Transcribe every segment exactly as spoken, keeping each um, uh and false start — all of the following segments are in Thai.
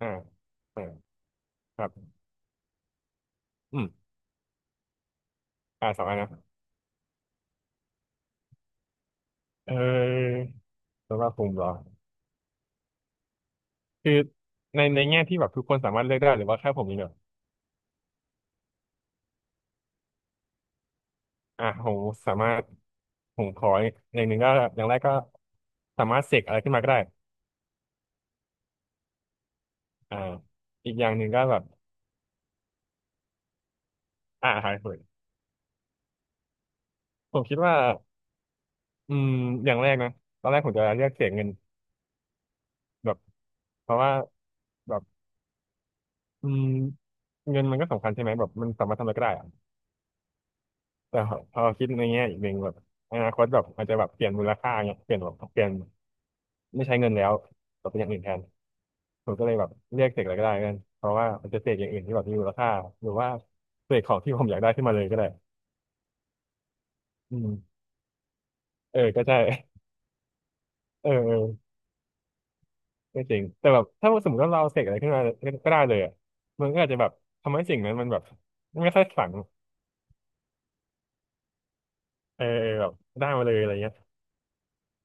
อ่าอ่าครับอืมอ่าสองอันนะเออสำหรับผมเหรอคือในในแง่ที่แบบทุกคนสามารถเลือกได้หรือว่าแค่ผมนี่างเดียวอ่ะผมสามารถผมขออย่างหนึ่งก็อย่างแรกก็สามารถเสกอะไรขึ้นมาก็ได้อ่าอีกอย่างหนึ่งก็แบบอ่าหายเผยผมคิดว่าอืมอย่างแรกนะตอนแรกผมจะเลือกเสกเงินแบบเพราะว่าแบบอืมเงินมันก็สำคัญใช่ไหมแบบมันสามารถทำอะไรก็ได้ แต่พอคิดในแง่อีกหนึ่งแบบอนาคตแบบอาจจะแบบเปลี่ยนมูลค่าเงี้ยเปลี่ยนแบบเปลี่ยนไม่ใช้เงินแล้วแต่เป็นอย่างอื่นแทนผมก็เลยแบบเรียกเสกอะไรก็ได้กันเพราะว่ามันจะเสกอย่างอื่นที่แบบมีมูลค่าหรือว่าเสกของที่ผมอยากได้ขึ้นมาเลยก็ได้อืมเออก็ใช่ เออเออก็จริงแต่แบบถ้าสมมติว่าเราเสกอะไรขึ้นมาก็ก็ได้เลยอะมันก็อาจจะแบบทำให้สิ่งนั้นมันแบบไม่ค่อยฝังเออเออแบบได้มาเลยอะไรเงี้ย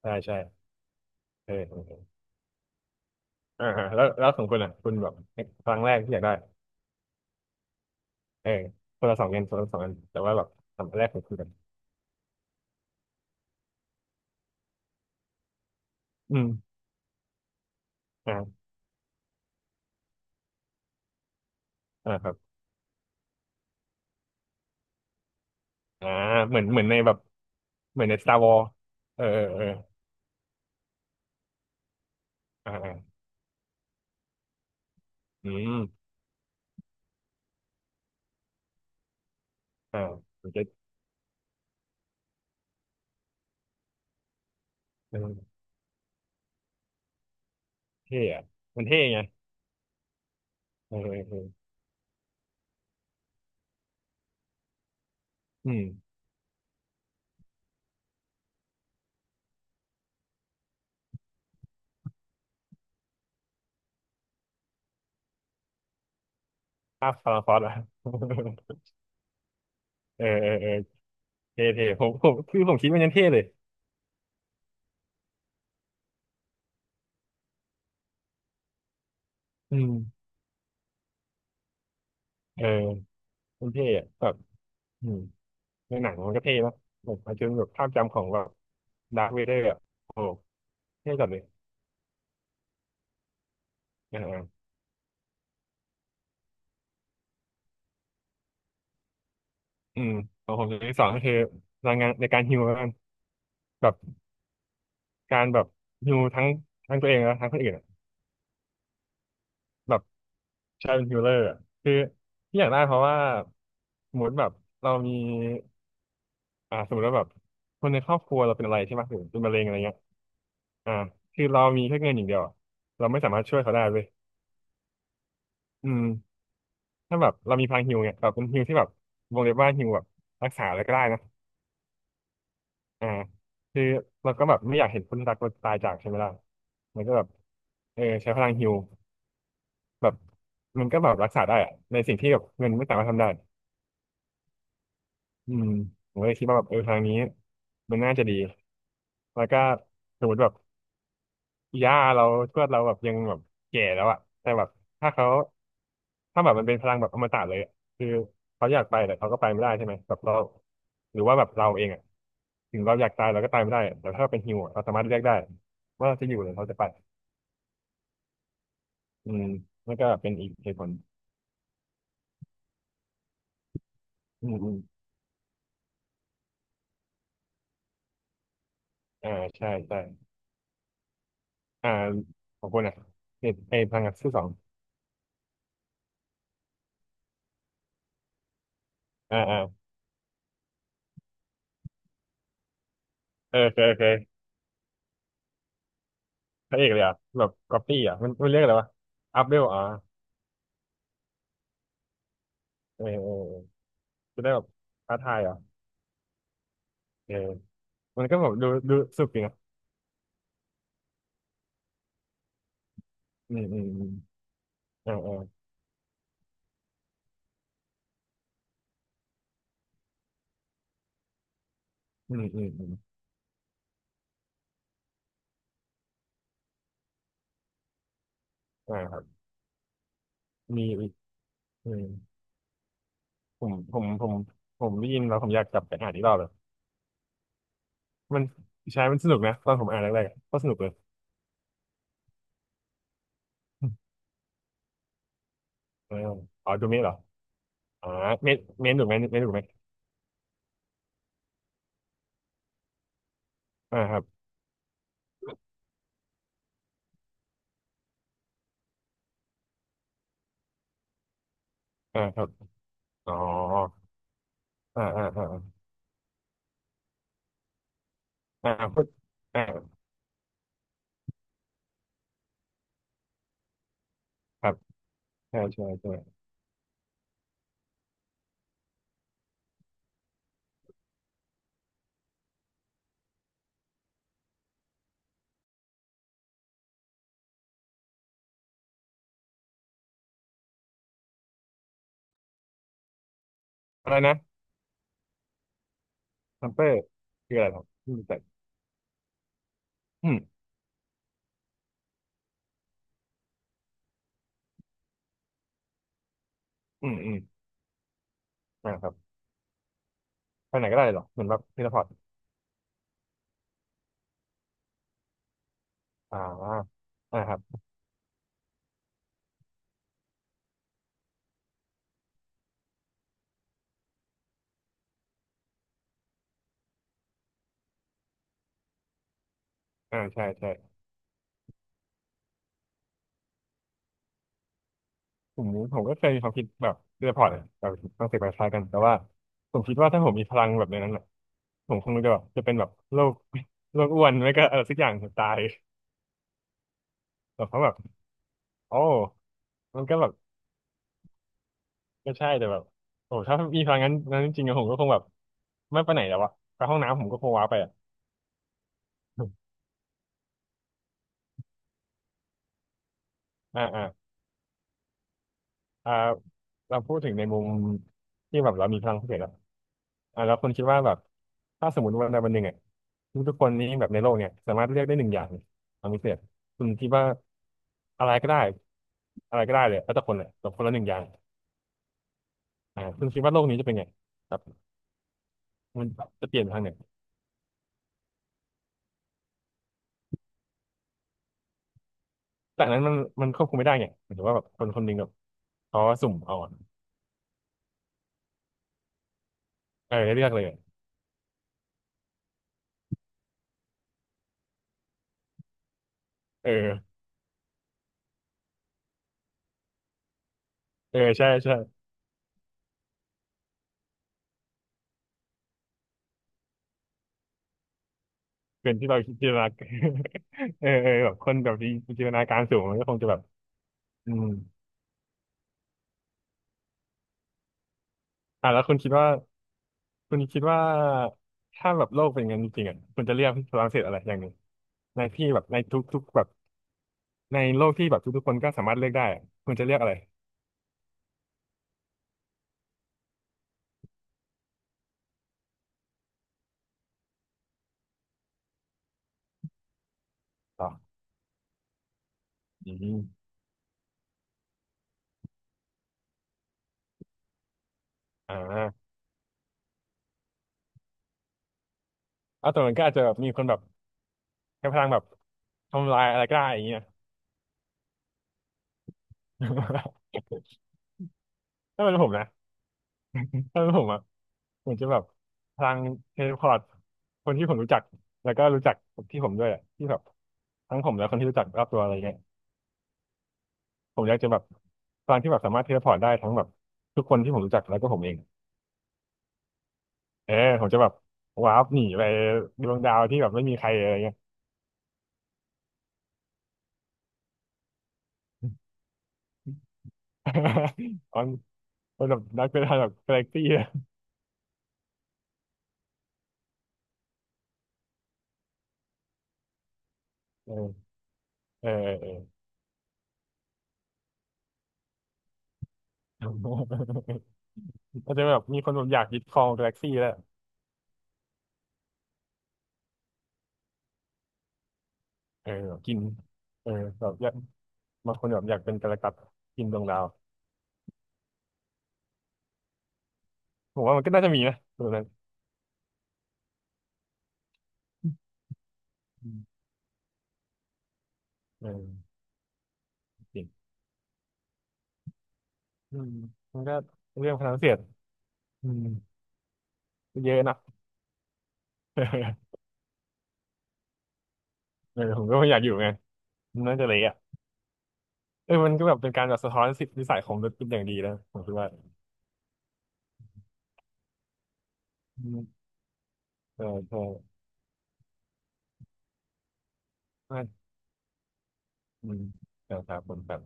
ใช่ใช่เออเออเอออ่าฮะแล้วแล้วของคุณอ่ะคุณแบบครั้งแรกที่อยากได้ เออคนละสองอันคนละสองอันแต่ว่าแบบสาำอันแรกของคุณกันอืมอ่าอ่าครับอ่าเหมือนเหมือนในแบบเหมือนใน Star Wars เออเออเอออ่าอ่าอืมอ่ามันจะเออเท่อะมันเท่ไงเออเออเอออืมภาพฟาร์ฟอสอะ เออเออเออเท่เท่ผมผมคือผมคิดมันยังเท่เลยอืมเออมันเท่อะแบบอืมในหนังมันก็เท่นะแบบมันจนแบบภาพจำของแบบดาร์คเวเดอร์อะโอ้โหเท่จัดเลยอ่า อืมของผมอย่างที่สองก็คือพลังงานในการฮีลแล้วกันแบบการแบบฮีลทั้งทั้งตัวเองแล้วทั้งคนอื่นอะแบบใช้เป็นฮีลเลอร์อะคือที่อยากได้เพราะว่าสมมติแบบเรามีอ่าสมมติว่าแบบคนในครอบครัวเราเป็นอะไรใช่ไหมหรือเป็นมะเร็งอะไรเงี้ยอ่าคือเรามีแค่เงินอย่างเดียวอะเราไม่สามารถช่วยเขาได้เลยอืมถ้าแบบเรามีพลังฮีลเนี่ยแบบเป็นฮีลที่แบบวงเล็บว่าฮีลแบบรักษาอะไรก็ได้นะ อ่าคือเราก็แบบไม่อยากเห็นคนรักเราตายจากใช่ไหมล่ะมันก็แบบเออใช้พลังฮีลแบบมันก็แบบรักษาได้อะในสิ่งที่แบบเงินไม่สามารถทำได้อืมผมก็เลยคิดว่าแบบเออทางนี้มันน่าจะดีแล้วก็สมมติแบบ ย่าเราทวดเราแบบยังแบบแก่แล้วอะแต่แบบถ้าเขาถ้าแบบมันเป็นพลังแบบอมตะเลยอะคือเขาอยากไปแต่เขาก็ไปไม่ได้ใช่ไหมแบบเราหรือว่าแบบเราเองอะถึงเราอยากตายเราก็ตายไม่ได้อะแต่ถ้าเป็นฮิวอะเราสามารถเลือกได้ว่าเราจะอยู่หรือเราจะไปอืมนั่นก็เป็นอีกเหตุผลอืมอืมอ่าใช่ใช่อ่าขอบคุณนะเนี่ยไอ้พลังงานที่สองอ่าอ่าเออเคยเคยพระเอกเลยอ่ะแบบก๊อปปี้อ่ะมันมันเรียกอะไรวะอัพเวลอ่ะเออเออเออจะได้แบบท้าทายอ่ะ เออมันก็แบบดูดูสุกอยนะอืมอืมอืมเออเอออืมอืมอืมอ่าครับมีอีกอืมผมผมผมผมได้ยินแล้วผมอยากกลับไปอ่านอีกรอบเลยมันใช้มันสนุกนะตอนผมอ่านแรกๆอะก็สนุกเลยเอออ๋อดูเมนเหรออ๋อเมนเมนถูกไหมเมนถูกไหมอ่าครับอ่าครับอ๋ออ่าอ่าอ่าอ่าพูดอ่าครับใช่ใช่ใช่อะไรนะซัมเปอร์คืออะไรครับอืมแต่อืมอืมอืมอ่าครับไปไหนก็ได้เหรอเหมือนแบบเทเลพอร์ตอ่าอ่าครับ อ่าใช่ใช่กลุ่มนี้ผมก็เคยมีความคิดแบบเรื่องพอร์ตแบบต้องเสกไปคล้ายกันแต่ว่าผมคิดว่าถ้าผมมีพลังแบบในนั้นอ่ะผมคงจะแบบจะเป็นแบบโรค โรคอ้วนไม่ก็อะไรสักอย่างถึงตายแบบเพราะแบบโอ้มันก็แบบก็ใช่แต่แบบโอ้ถ้ามีพลังงั้นนั้นจริงๆอะผมก็คงแบบไม่ไปไหนแล้วอะไปห้องน้ำผมก็คงว้าไปอะ อ่า อ่า อ่าเราพูดถึงในมุมที่แบบเรามีพลังพิเศษแล้วอ่าแล้วคุณคิดว่าแบบถ้าสมมติวันใดวันหนึ่งอ่ะทุกๆคนนี้แบบในโลกเนี่ยสามารถเลือกได้หนึ่งอย่างพลังพิเศษคุณคิดว่าอะไรก็ได้อะไรก็ได้เลยแล้วแต่คนเลยแต่คนละหนึ่งอย่างอ่าคุณคิดว่าโลกนี้จะเป็นไงครับมันจะเปลี่ยนไปทางไหนแต่อันนั้นมันมันควบคุมไม่ได้ไงหมายถึงว่าแบบคนคนหนึ่งแบบเขาสุ่มเอาอะเออให้เลือกเลยอะเออเออใช่ใช่ เกินที่เราจินตนา เออเออแบบคนแบบจินตนาการสูงมันก็คงจะแบบอืมอ่ะแล้วคุณคิดว่าคุณคิดว่าถ้าแบบโลกเป็นอย่างนั้นจริงๆอ่ะคุณจะเลือกฝรั่งเศสอะไรอย่างหนึ่งในที่แบบในทุกๆแบบในโลกที่แบบทุกๆคนก็สามารถเลือกได้อะคุณจะเลือกอะไรต่ออืมอ่าเอาตัวมันก็อาจจะแบบมีคนแบบใช้พลังแบบทำลายอะไรก็ได้อย่างเงี้ย ถ้าเป็นผมนะ ถ้าเป็นผมอ่ะ เหมือนจะแบบพลังเทเลพอร์ตคนที่ผมรู้จักแล้วก็รู้จักที่ผมด้วยอะที่แบบทั้งผมและคนที่รู้จักรอบตัวอะไรเงี้ยผมอยากจะแบบพลังที่แบบสามารถเทเลพอร์ตได้ทั้งแบบทุกคนที่ผมรู้จักแล้วก็ผมเองเออผมจะแบบว้าร์ปหนีไปดวงดาวที่แบบไม่มีใครอะไรเงี้ย ตอนเป็นแบบนักเป็นแบบกาแล็กซี่อะเออเออเออเออก็จะแบบมีคนแบบอยากยึดครองกาแล็กซี่แล้วเออแบบกินเออแบบอยากบางคนแบบอยากเป็นกาแล็กตัสกินดวงดาว ผมว่ามันก็น่าจะมีนะตัวนั้นอืมเออจริงอืมมันก็เรื่องพลังเสียดอืมก็เยอะนะ เออผมก็ไม่อยากอยู่ไงมันน่าจะเละอ่ะเออมันก็แบบเป็นการแบบสะท้อนสิทธินิสัยของมนุษย์เป็นอย่างดีนะผมคิดว่าอืมเออเออใช่อืมครับครับผมครับ